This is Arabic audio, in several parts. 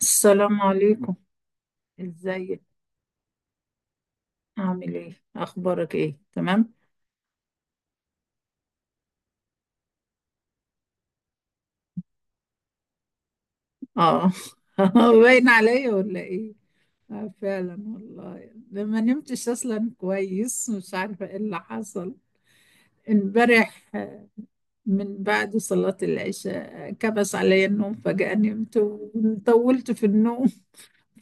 السلام عليكم. ازيك؟ عامل ايه؟ اخبارك ايه؟ تمام. اه. باين عليا ولا ايه؟ آه، فعلا والله، ده ما نمتش اصلا كويس، مش عارفه ايه اللي حصل امبارح. من بعد صلاة العشاء، كبس عليا النوم فجأة، نمت وطولت في النوم.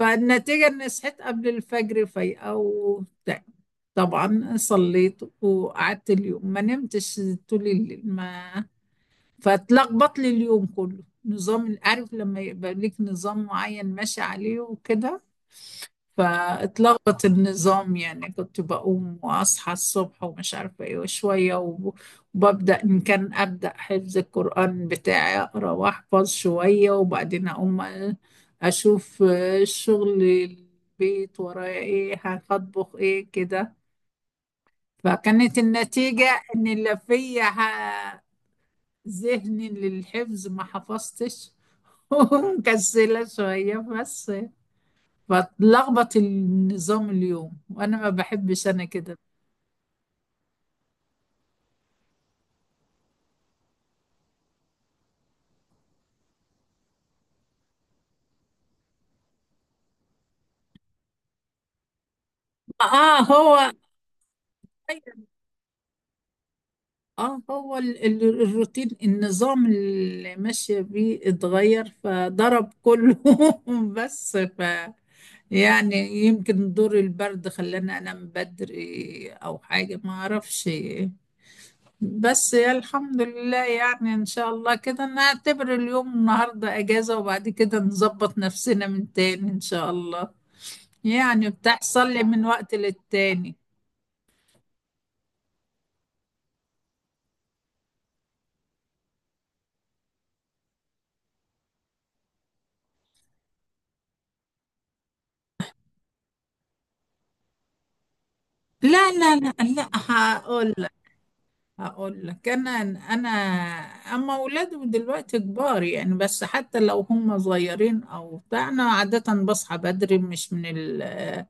فالنتيجة اني صحيت قبل الفجر فايقة وبتاع. طبعا صليت وقعدت اليوم ما نمتش طول الليل ما فتلخبط لي اليوم كله نظام. عارف لما يبقى ليك نظام معين ماشي عليه وكده، فاتلخبط النظام. يعني كنت بقوم واصحى الصبح ومش عارفه ايه وشويه وببدا ان كان ابدا حفظ القران بتاعي، اقرا واحفظ شويه وبعدين اقوم أ- اشوف شغل البيت ورايا ايه، هطبخ ايه كده. فكانت النتيجه ان اللي فيا ذهني للحفظ ما حفظتش. مكسلة شوية بس، بتلخبط النظام اليوم، وأنا ما بحبش أنا كده. آه، هو آه، هو الروتين، النظام اللي ماشية بيه اتغير فضرب كله. بس يعني، يمكن دور البرد خلاني أنام بدري أو حاجة، ما أعرفش. بس يا الحمد لله، يعني ان شاء الله كده نعتبر اليوم النهارده اجازة، وبعد كده نظبط نفسنا من تاني ان شاء الله. يعني بتحصل لي من وقت للتاني. لا لا لا لا، هقول. هقول لك انا اما اولادهم دلوقتي كبار يعني، بس حتى لو هم صغيرين او بتاع، انا عاده بصحى بدري، مش من ال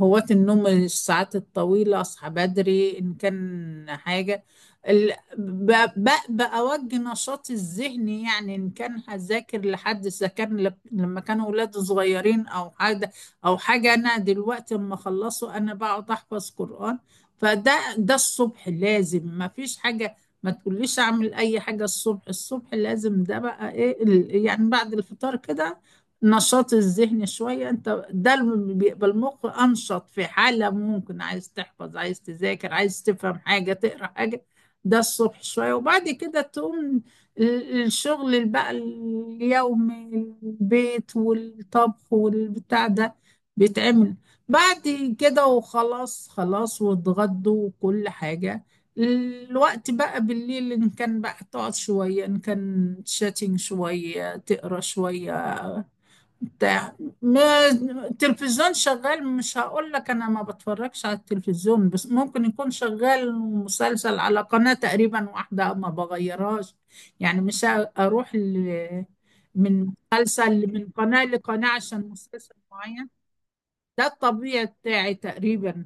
هواة النوم الساعات الطويله. اصحى بدري ان كان حاجه ال- ب- ب- بأوجه نشاطي الذهني. يعني إن كان هذاكر لحد إذا كان لما كانوا أولادي صغيرين أو حاجة. أو حاجة، أنا دلوقتي لما أخلصه أنا بقعد أحفظ قرآن. فده ده الصبح لازم، ما فيش حاجة ما تقوليش اعمل اي حاجة. الصبح الصبح لازم ده بقى ايه يعني بعد الفطار كده نشاط الذهن شوية. انت ده اللي بيبقى المخ انشط في حالة ممكن عايز تحفظ، عايز تذاكر، عايز تفهم حاجة، تقرا حاجة. ده الصبح شوية، وبعد كده تقوم الشغل اللي بقى اليومي، البيت والطبخ والبتاع ده، بيتعمل بعد كده. وخلاص خلاص واتغدوا وكل حاجة. الوقت بقى بالليل إن كان بقى تقعد شوية، إن كان شاتين شوية، تقرا شوية بتاع. ما التلفزيون شغال، مش هقول لك أنا ما بتفرجش على التلفزيون، بس ممكن يكون شغال مسلسل على قناة تقريبا واحدة ما بغيرهاش. يعني مش أروح ل- من مسلسل من قناة لقناة عشان مسلسل معين. ده الطبيعي بتاعي تقريبا.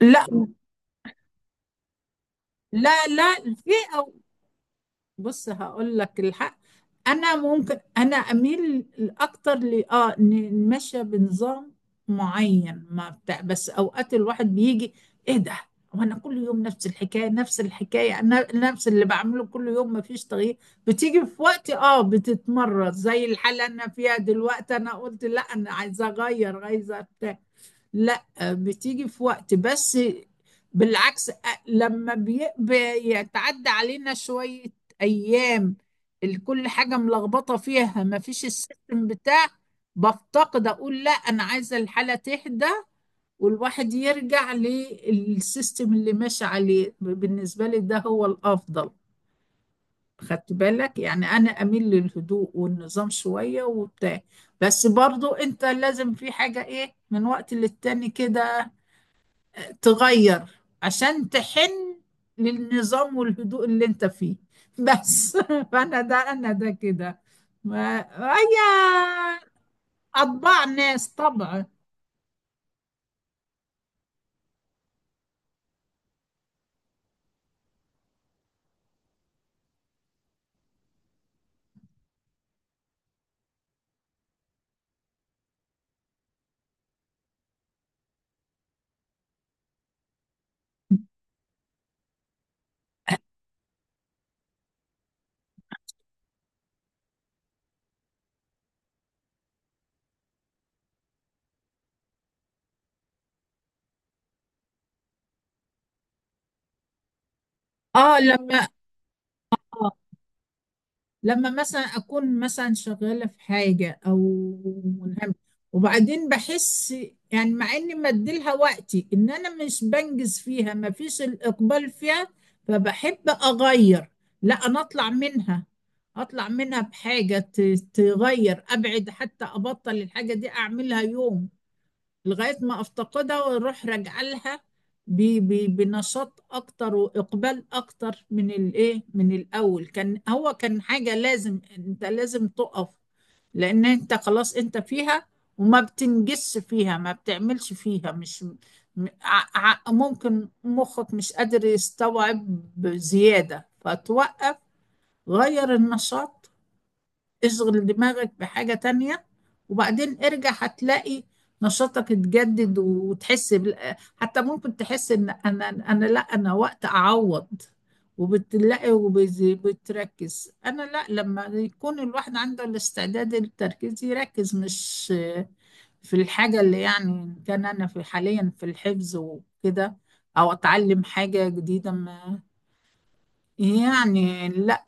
لا لا لا، في. أو بص هقول لك الحق، انا ممكن انا اميل اكتر ل اه نمشي بنظام معين ما بتاع، بس اوقات الواحد بيجي، ايه ده، وانا كل يوم نفس الحكايه نفس الحكايه، انا نفس اللي بعمله كل يوم، ما فيش تغيير. بتيجي في وقت اه بتتمرد زي الحاله اللي انا فيها دلوقتي، انا قلت لا انا عايزه اغير، عايزه بتاع. لا بتيجي في وقت بس، بالعكس لما بيتعدى علينا شوية أيام كل حاجة ملخبطة فيها، ما فيش السيستم بتاع، بفتقد أقول لا أنا عايزة الحالة تهدى، والواحد يرجع للسيستم اللي ماشي عليه. بالنسبة لي ده هو الأفضل. خدت بالك؟ يعني أنا أميل للهدوء والنظام شوية وبتاع، بس برضو أنت لازم في حاجة إيه من وقت للتاني كده تغير، عشان تحن للنظام والهدوء اللي انت فيه. بس فانا ده، انا ده كده. ما هي اطباع ناس طبعا. اه لما، لما مثلا اكون مثلا شغاله في حاجه او ملهمه، وبعدين بحس يعني مع اني مديلها وقتي ان انا مش بنجز فيها، ما فيش الاقبال فيها، فبحب اغير. لا انا اطلع منها، اطلع منها بحاجه تغير، ابعد حتى ابطل الحاجه دي اعملها يوم، لغاية ما أفتقدها وأروح راجعة لها بنشاط أكتر وإقبال أكتر من الإيه، من الأول كان، هو كان حاجة لازم، أنت لازم تقف، لأن أنت خلاص أنت فيها وما بتنجزش فيها، ما بتعملش فيها، مش م- ع- ع- ممكن مخك مش قادر يستوعب زيادة فتوقف، غير النشاط، اشغل دماغك بحاجة تانية، وبعدين ارجع هتلاقي نشاطك اتجدد، وتحس حتى ممكن تحس ان انا، انا لا، انا وقت اعوض، وبتلاقي وبتركز. انا لا، لما يكون الواحد عنده الاستعداد للتركيز يركز، مش في الحاجة اللي، يعني إن كان انا في حاليا في الحفظ وكده، او اتعلم حاجة جديدة ما، يعني لا.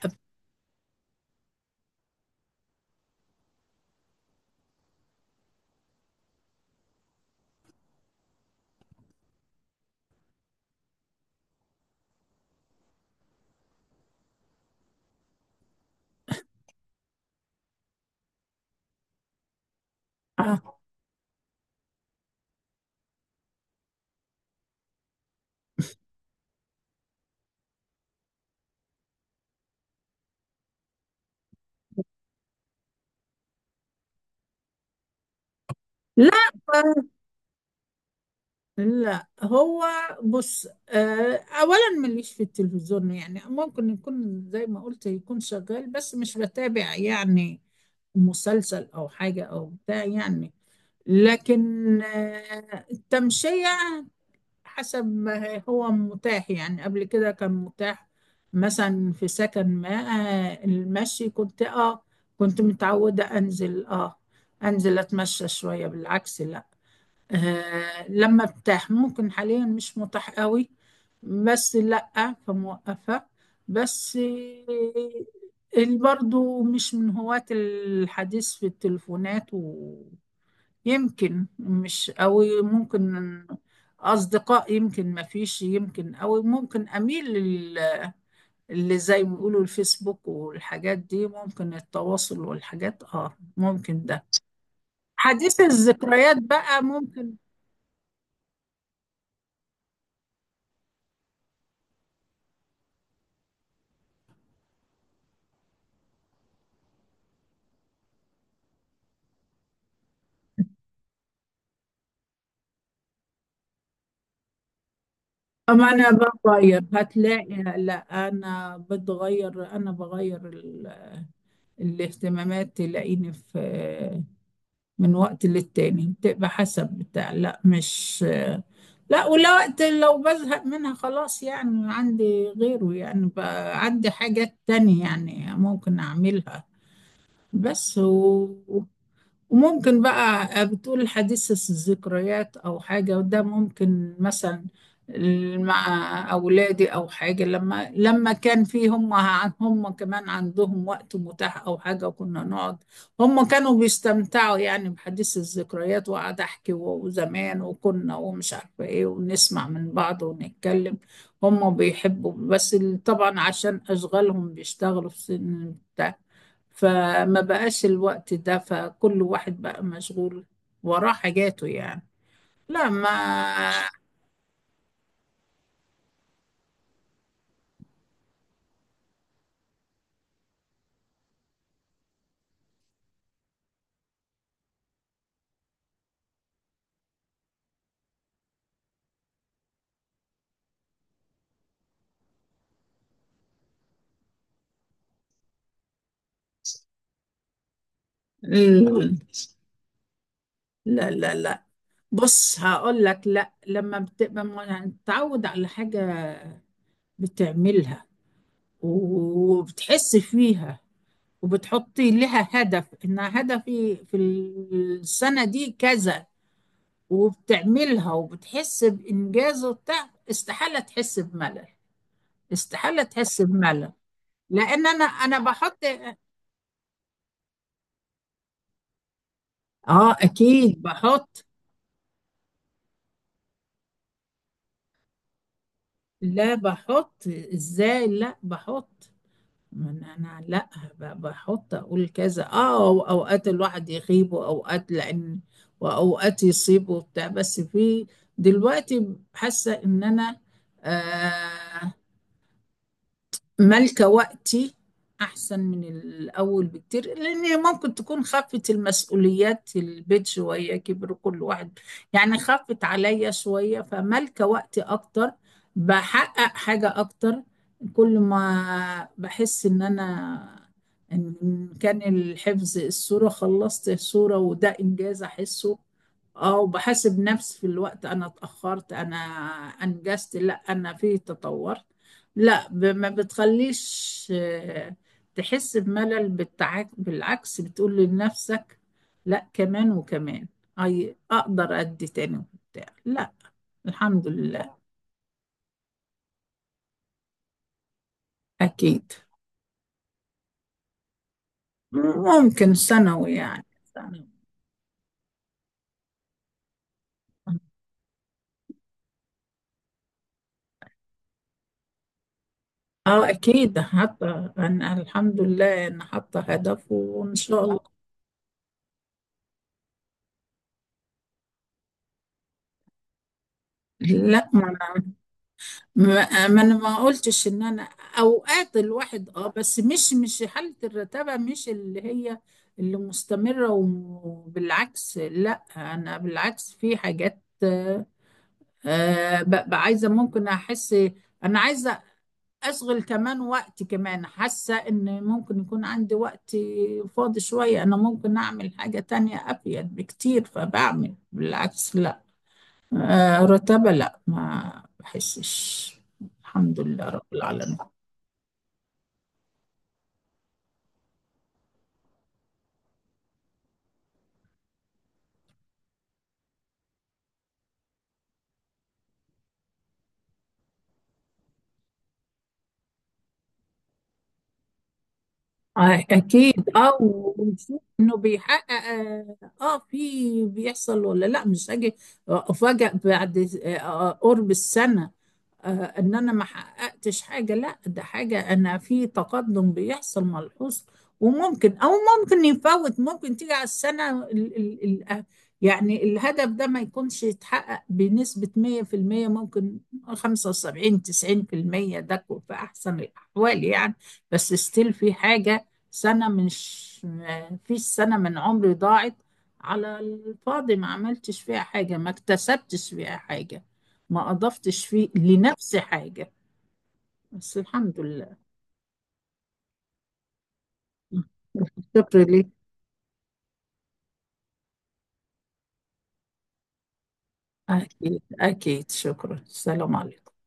لا لا، هو بص، اولا مليش في التلفزيون، يعني ممكن يكون زي ما قلت، يكون شغال بس مش بتابع يعني مسلسل او حاجة او بتاع يعني. لكن التمشية حسب ما هو متاح. يعني قبل كده كان متاح، مثلا في سكن ما، المشي كنت اه، كنت متعودة انزل اه، انزل اتمشى شوية بالعكس. آه لما بتاح، ممكن حاليا مش متاح قوي، بس لأ فموقفة. بس اللي برضو مش من هواة الحديث في التليفونات، ويمكن مش قوي، ممكن أصدقاء يمكن ما فيش، يمكن أو ممكن أميل اللي زي ما بيقولوا الفيسبوك والحاجات دي، ممكن التواصل والحاجات آه، ممكن ده. حديث الذكريات بقى ممكن. أما أنا بغير، هتلاقي لا أنا بتغير، أنا بغير الاهتمامات. تلاقيني في من وقت للتاني بتبقى حسب بتاع، لا مش لا، ولا وقت، لو بزهق منها خلاص يعني عندي غيره، يعني بقى عندي حاجات تانية يعني ممكن أعملها. بس وممكن بقى، بتقول حديث الذكريات او حاجه، وده ممكن مثلا مع اولادي او حاجه، لما لما كان في هم هم كمان عندهم وقت متاح او حاجه، وكنا نقعد، هم كانوا بيستمتعوا يعني بحديث الذكريات. وقعد احكي وزمان وكنا ومش عارفه ايه، ونسمع من بعض ونتكلم. هم بيحبوا، بس طبعا عشان اشغالهم بيشتغلوا في سن بتاع، فما بقاش الوقت ده، فكل واحد بقى مشغول وراه حاجاته يعني. لا ما ال- لا لا لا، بص هقول لك، لا لما بتبقى متعود على حاجة بتعملها وبتحس فيها وبتحطي لها هدف انها هدفي في السنة دي كذا، وبتعملها وبتحس بإنجاز وبتاع، استحالة تحس بملل، استحالة تحس بملل، لان انا بحط. اه اكيد بحط. لا بحط، ازاي؟ لا بحط، ما انا أنا لا بحط اقول كذا اه، أو اوقات الواحد يغيب واوقات لان، واوقات يصيب وبتاع، بس في دلوقتي حاسه ان انا، آه، ملكة وقتي أحسن من الأول بكتير، لأن ممكن تكون خفت المسؤوليات، البيت شوية كبر كل واحد يعني، خفت عليا شوية، فملكة وقتي أكتر، بحقق حاجة أكتر. كل ما بحس إن أنا، إن كان الحفظ، الصورة خلصت، الصورة وده إنجاز أحسه اه، وبحاسب نفسي في الوقت، أنا اتأخرت، أنا أنجزت، لأ أنا فيه تطورت. لا ما بتخليش تحس بملل. بالعكس، بتقول لنفسك لا كمان وكمان، أي أقدر أدي تاني وبتاع، لا. الحمد لله. أكيد. ممكن ثانوي يعني، ثانوي. اه اكيد، حتى انا الحمد لله انا حاطه هدف وان شاء الله. لا ما، ما ما انا ما قلتش ان انا، اوقات الواحد اه، بس مش مش حالة الرتابة، مش اللي هي اللي مستمرة، وبالعكس لا انا بالعكس، في حاجات آه، ببقى عايزة، ممكن احس انا عايزة اشغل كمان وقت، كمان حاسة ان ممكن يكون عندي وقت فاضي شوية، انا ممكن اعمل حاجة تانية افيد بكتير، فبعمل. بالعكس لا، رتبة لا، ما بحسش. الحمد لله رب العالمين. أكيد أه، ونشوف إنه بيحقق أه، في بيحصل ولا لا، مش هاجي أفاجأ بعد، قرب السنة آه، ان انا ما حققتش حاجه. لا ده حاجه انا في تقدم بيحصل ملحوظ. وممكن او ممكن يفوت، ممكن تيجي على السنه ال ال ال آه، يعني الهدف ده ما يكونش يتحقق بنسبه 100%. ممكن 75 90%، في احسن الاحوال يعني. بس ستيل في حاجه. سنه مش، ما فيش سنه من عمري ضاعت على الفاضي، ما عملتش فيها حاجه، ما اكتسبتش فيها حاجه، ما أضفتش فيه لنفسي حاجة. بس الحمد لله. الشكر ليه. أكيد أكيد، شكرا. السلام عليكم.